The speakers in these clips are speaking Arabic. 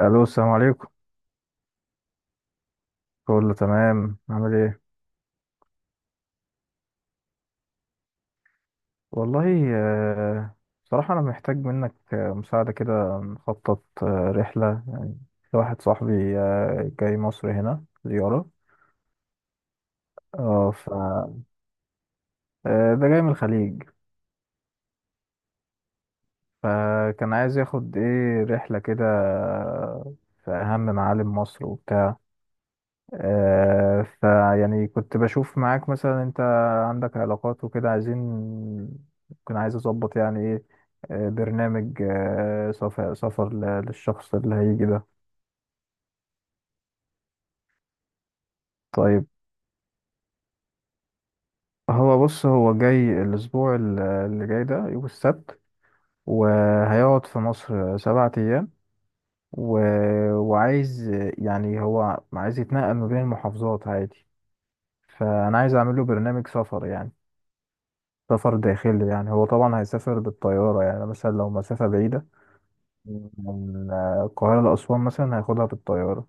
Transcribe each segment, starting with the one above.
الو، السلام عليكم. كله تمام؟ عامل ايه؟ والله بصراحة انا محتاج منك مساعدة كده، نخطط رحلة لواحد صاحبي جاي مصر هنا زيارة. اه ده جاي من الخليج. فكان عايز ياخد ايه رحلة كده، في اهم معالم مصر وبتاع. فيعني كنت بشوف معاك، مثلا انت عندك علاقات وكده، عايزين، كنت عايز اظبط يعني ايه، برنامج سفر سفر للشخص اللي هيجي ده. طيب، هو بص، هو جاي الاسبوع اللي جاي ده، يوم السبت، وهيقعد في مصر 7 ايام و... وعايز، يعني هو عايز يتنقل ما بين المحافظات عادي، فانا عايز اعمل له برنامج سفر يعني سفر داخلي. يعني هو طبعا هيسافر بالطيارة، يعني مثلا لو مسافة بعيدة من القاهرة لأسوان مثلا هياخدها بالطيارة.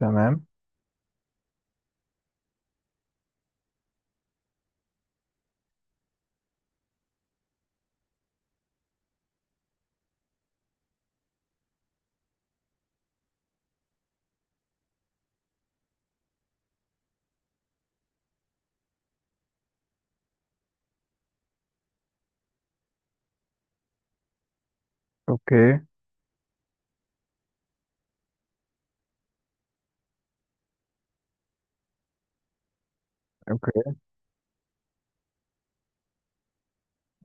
تمام. اوكي. اوكي.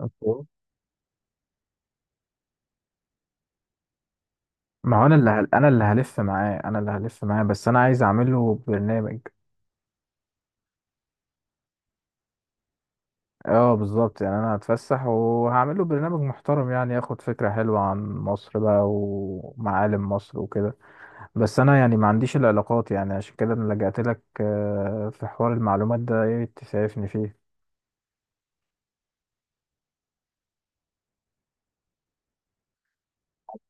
أوكي. ما هو أنا اللي أنا اللي هلف معاه، أنا اللي هلف معاه، بس أنا عايز أعمل له برنامج. اه، بالظبط، يعني أنا هتفسح وهعمل له برنامج محترم، يعني ياخد فكرة حلوة عن مصر بقى ومعالم مصر وكده. بس أنا يعني ما عنديش العلاقات، يعني عشان كده أنا لجأت لك. في حوار المعلومات ده، إيه تسعفني فيه؟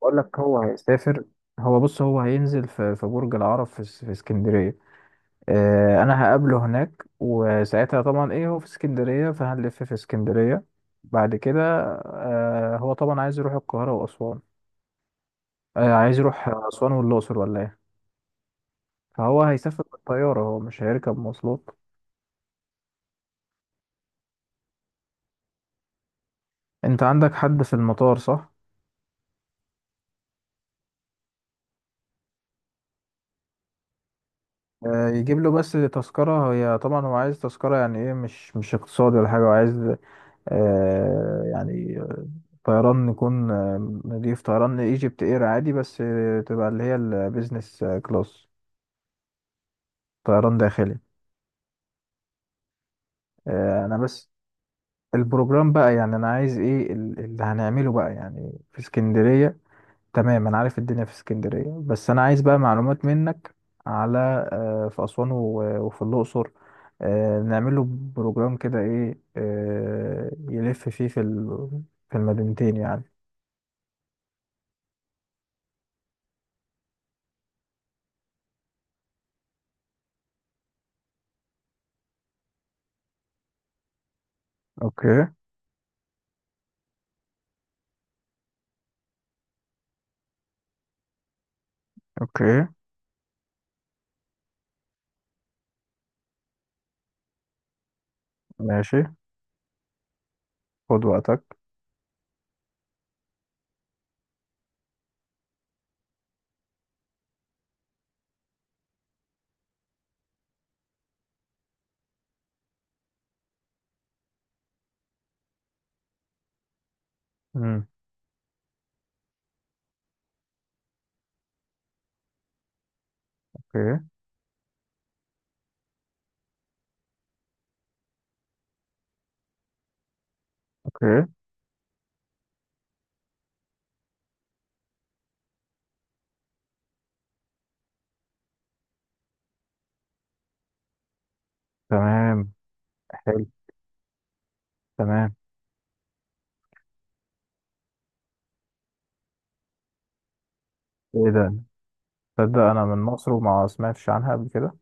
بقول لك هو هيسافر. هو بص، هو هينزل في برج العرب، في في اسكندرية. انا هقابله هناك وساعتها طبعا ايه، هو في اسكندرية فهنلف في اسكندرية. بعد كده هو طبعا عايز يروح القاهرة وأسوان. عايز يروح أسوان والأقصر ولا ايه؟ فهو هيسافر بالطيارة، هو مش هيركب مواصلات. انت عندك حد في المطار، صح؟ يجيب له بس تذكرة، هي طبعا هو عايز تذكرة يعني ايه، مش اقتصادي ولا حاجة، هو عايز يعني طيران، نكون نضيف طيران ايجيبت اير عادي، بس تبقى اللي هي البيزنس كلاس، طيران داخلي. انا بس البروجرام بقى يعني، انا عايز ايه اللي هنعمله بقى، يعني في اسكندرية تمام انا عارف الدنيا في اسكندرية، بس انا عايز بقى معلومات منك على في اسوان وفي الاقصر. نعمله بروجرام كده ايه، يلف فيه في في المدينتين يعني. اوكي. اوكي. ماشي، خد وقتك. امم. اوكي. اوكي. تمام. حلو. تمام. ايه ده؟ تصدق انا من مصر وما سمعتش عنها قبل كده.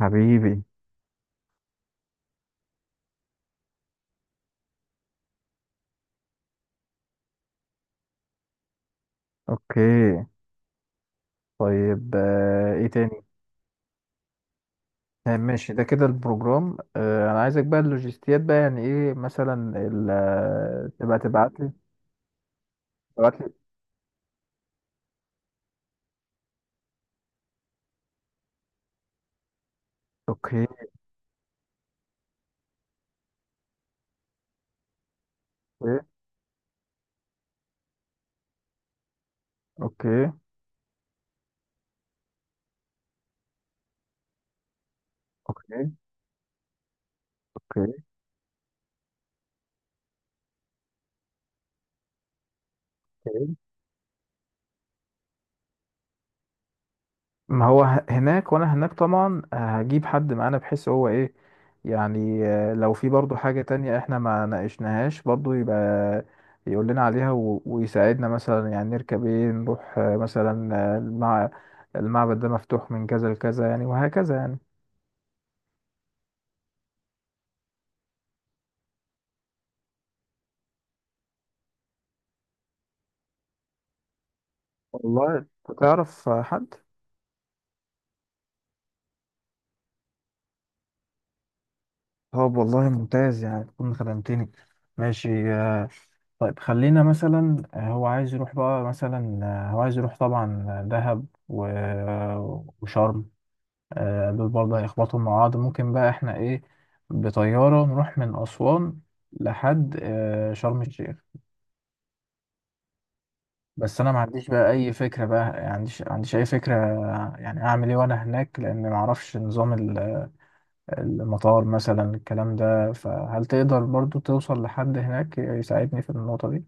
حبيبي. اوكي. طيب ايه تاني؟ ماشي، ده كده البروجرام. انا عايزك بقى اللوجيستيات بقى يعني، ايه مثلا تبقى تبعت لي تبعت لي. اوكي. اوكي. اوكي. اوكي. اوكي. ما هو هناك، وانا هناك طبعا هجيب حد معانا، بحيث هو ايه يعني لو في برضو حاجة تانية احنا ما ناقشناهاش، برضو يبقى يقول لنا عليها ويساعدنا، مثلا يعني نركب ايه نروح مثلا المعبد ده مفتوح من كذا لكذا يعني، وهكذا يعني. والله، تعرف حد؟ طب والله ممتاز، يعني تكون خدمتني. ماشي طيب خلينا مثلا هو عايز يروح بقى مثلا هو عايز يروح طبعا دهب وشرم. دول برضه هيخبطهم مع بعض، ممكن بقى احنا ايه بطيارة نروح من أسوان لحد شرم الشيخ. بس انا ما عنديش بقى اي فكرة بقى، يعني عنديش اي فكرة، يعني اعمل ايه وانا هناك، لان ما اعرفش نظام المطار مثلا، الكلام ده. فهل تقدر برضو توصل لحد هناك يساعدني في النقطة دي؟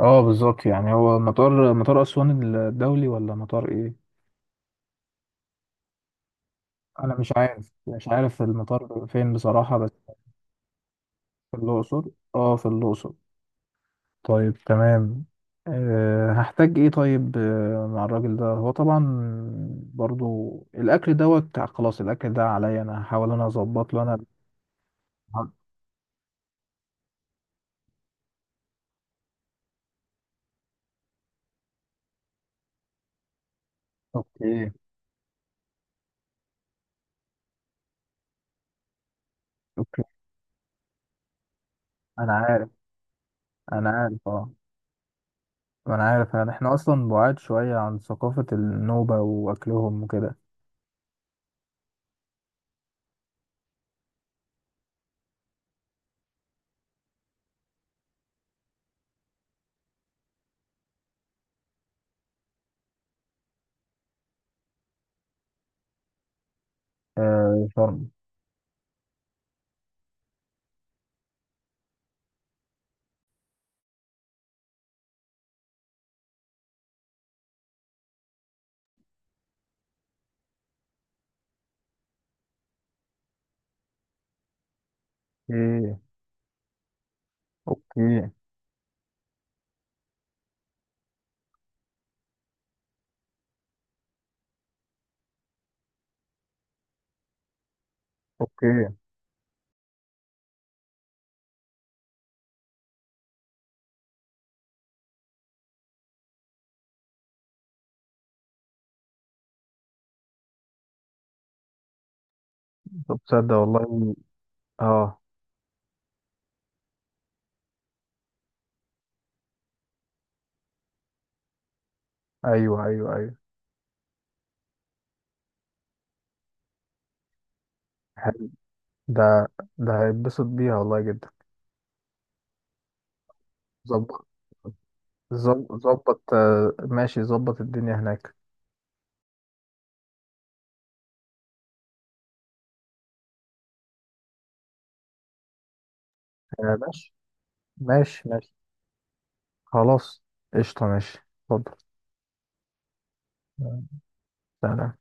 اه، بالظبط، يعني هو مطار، مطار أسوان الدولي ولا مطار ايه؟ أنا مش عارف، مش عارف المطار فين بصراحة، بس في الأقصر. اه، في الأقصر. طيب تمام. أه، هحتاج ايه طيب مع الراجل ده هو طبعا برضو الأكل. دوت خلاص. الأكل ده عليا، أنا هحاول أنا أظبط له أنا. اوكي. اوكي. انا عارف. انا عارف. اه، ما انا عارف يعني، احنا اصلا بعاد شوية عن ثقافة النوبة واكلهم وكده. آه شرم، ايه؟ اوكي. اوكي. طب تصدق والله. اه، ايوه ايوه ايوه، حلو. ده ده هيتبسط بيها والله جدا. ظبط. ظبط ماشي، ظبط الدنيا هناك. آه ماشي ماشي. ماشي خلاص. قشطة. ماشي. اتفضل. آه، سلام.